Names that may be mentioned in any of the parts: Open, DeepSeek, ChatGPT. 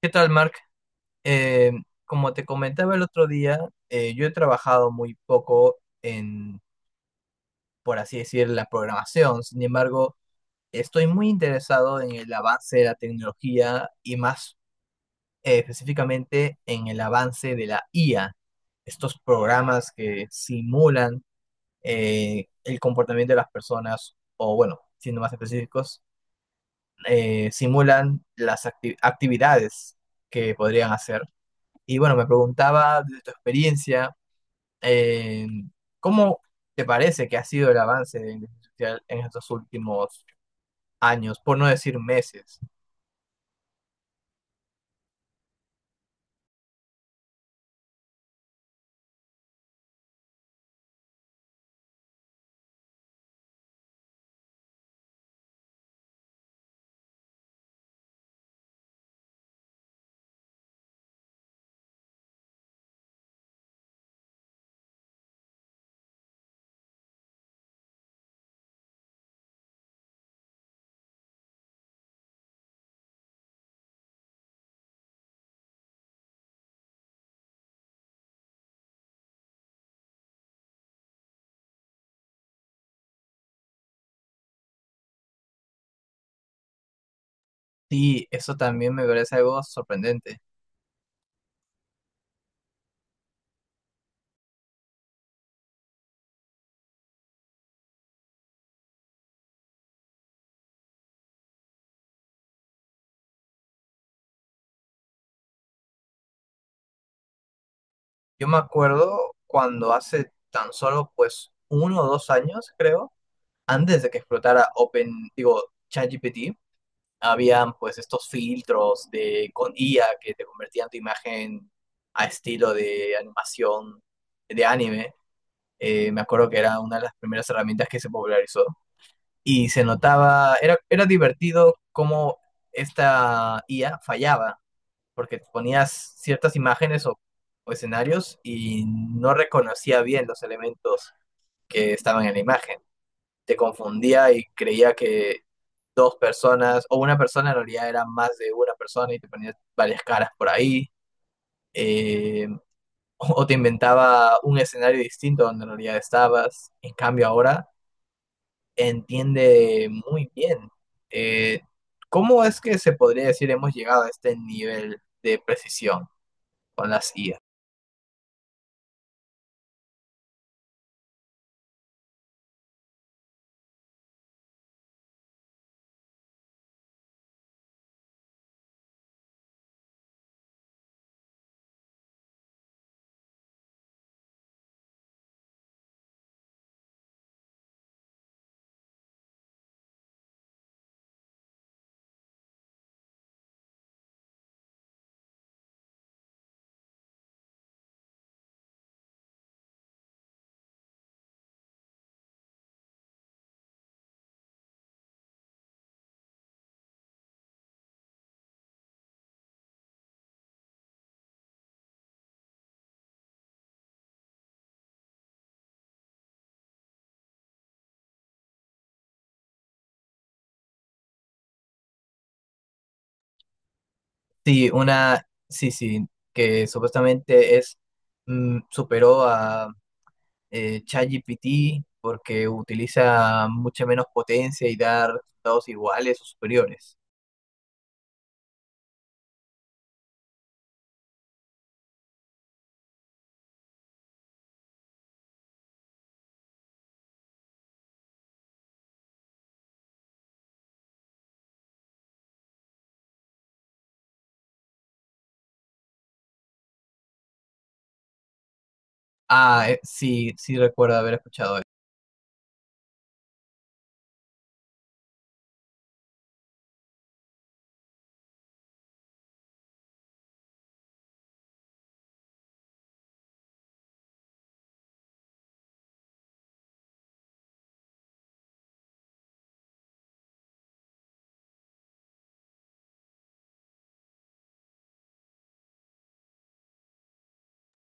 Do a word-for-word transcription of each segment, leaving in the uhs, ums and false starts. ¿Qué tal, Mark? Eh, Como te comentaba el otro día, eh, yo he trabajado muy poco en, por así decir, la programación. Sin embargo, estoy muy interesado en el avance de la tecnología y más eh, específicamente en el avance de la I A. Estos programas que simulan, eh, el comportamiento de las personas, o bueno, siendo más específicos, eh, simulan las acti- actividades que podrían hacer. Y bueno, me preguntaba desde tu experiencia, eh, ¿cómo te parece que ha sido el avance de la inteligencia artificial en estos últimos años, por no decir meses? Sí, eso también me parece algo sorprendente. Yo me acuerdo cuando hace tan solo pues uno o dos años, creo, antes de que explotara Open, digo, ChatGPT, habían pues estos filtros de con I A que te convertían tu imagen a estilo de animación de anime. Eh, me acuerdo que era una de las primeras herramientas que se popularizó y se notaba, era, era divertido cómo esta I A fallaba, porque ponías ciertas imágenes o, o escenarios y no reconocía bien los elementos que estaban en la imagen. Te confundía y creía que dos personas o una persona en realidad era más de una persona y te ponía varias caras por ahí. eh, o o te inventaba un escenario distinto donde en realidad estabas. En cambio ahora entiende muy bien. Eh, ¿Cómo es que se podría decir hemos llegado a este nivel de precisión con las I A? Sí, una, sí, sí, que supuestamente es, mm, superó a eh, ChatGPT porque utiliza mucha menos potencia y da resultados iguales o superiores. Ah, eh, sí, sí recuerdo haber escuchado eso.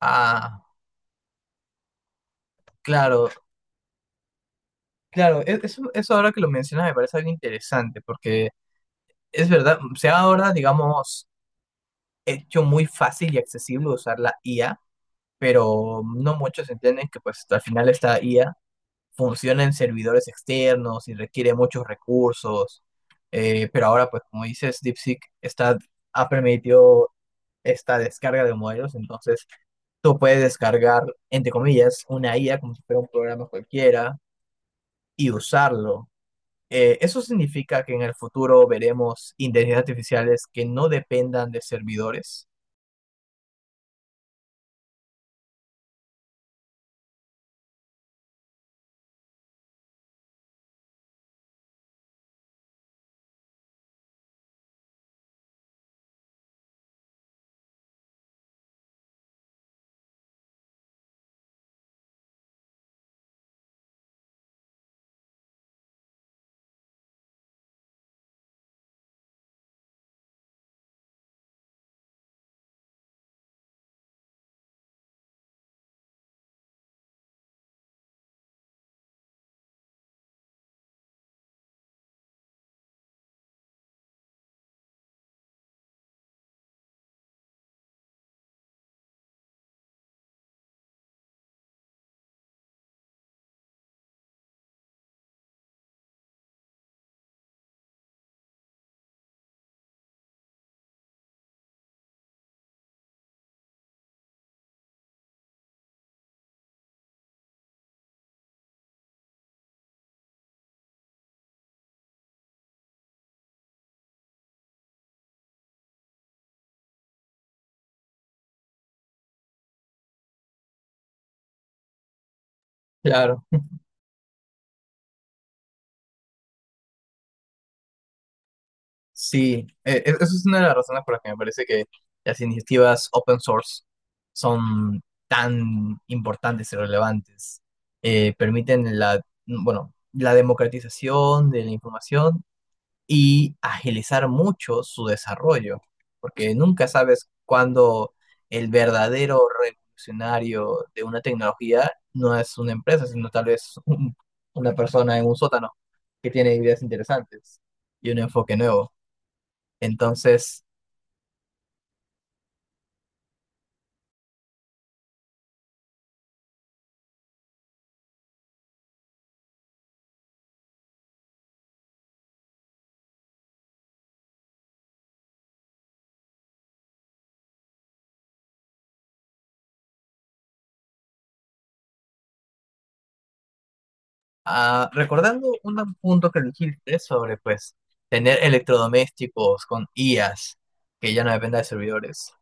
Ah, claro, claro, e- eso, eso ahora que lo mencionas me parece algo interesante porque es verdad, se ha ahora, digamos, hecho muy fácil y accesible usar la I A, pero no muchos entienden que pues al final esta I A funciona en servidores externos y requiere muchos recursos, eh, pero ahora pues como dices, DeepSeek está, ha permitido esta descarga de modelos, entonces tú puedes descargar, entre comillas, una I A como si fuera un programa cualquiera y usarlo. Eh, eso significa que en el futuro veremos inteligencias artificiales que no dependan de servidores. Claro. Sí, eh, e- eso es una de las razones por las que me parece que las iniciativas open source son tan importantes y relevantes. Eh, permiten la, bueno, la democratización de la información y agilizar mucho su desarrollo, porque nunca sabes cuándo el verdadero revolucionario de una tecnología no es una empresa, sino tal vez un- una persona en un sótano que tiene ideas interesantes y un enfoque nuevo. Entonces, ah, recordando un punto que dijiste sobre pues tener electrodomésticos con I As que ya no dependa de servidores.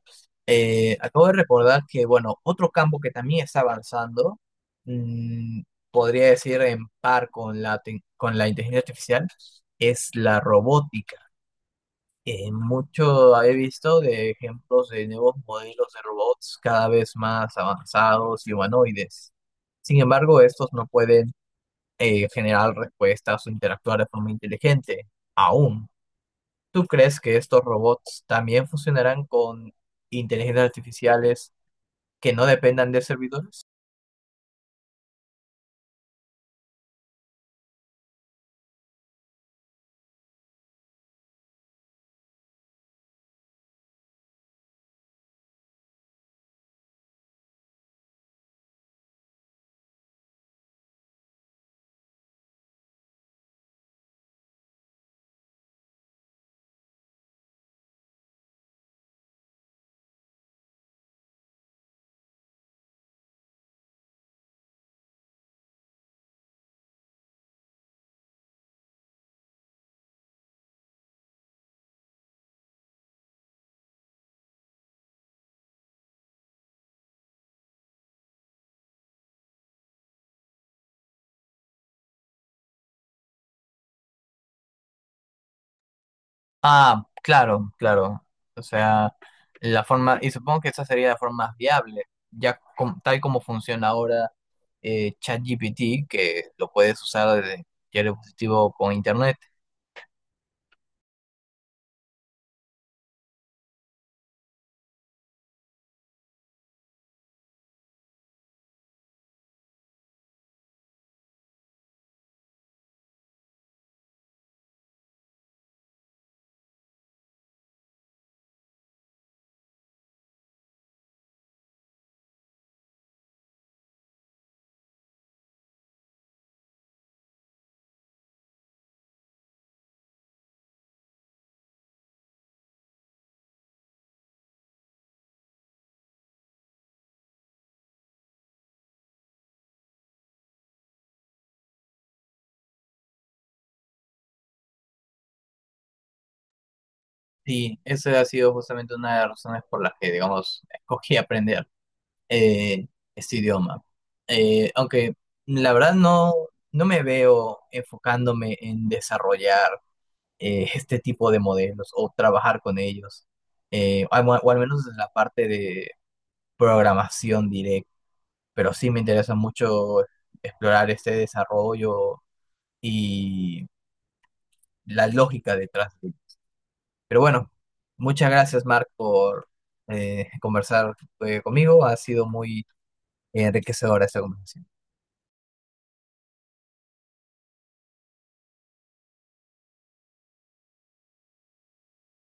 Eh, acabo de recordar que, bueno, otro campo que también está avanzando, mm, podría decir en par con la, tec- con la inteligencia artificial, es la robótica. Eh, mucho he visto de ejemplos de nuevos modelos de robots cada vez más avanzados y humanoides. Sin embargo, estos no pueden eh, generar respuestas o interactuar de forma inteligente, aún. ¿Tú crees que estos robots también funcionarán con inteligencias artificiales que no dependan de servidores? Ah, claro, claro. O sea, la forma, y supongo que esa sería la forma más viable, ya com- tal como funciona ahora eh, ChatGPT, que lo puedes usar desde cualquier dispositivo con internet. Sí, eso ha sido justamente una de las razones por las que, digamos, escogí aprender, eh, este idioma. Eh, aunque la verdad no, no me veo enfocándome en desarrollar eh, este tipo de modelos o trabajar con ellos, eh, al- o al menos en la parte de programación directa. Pero sí me interesa mucho explorar este desarrollo y la lógica detrás de él. Pero bueno, muchas gracias, Mark, por eh, conversar eh, conmigo. Ha sido muy enriquecedora esta conversación.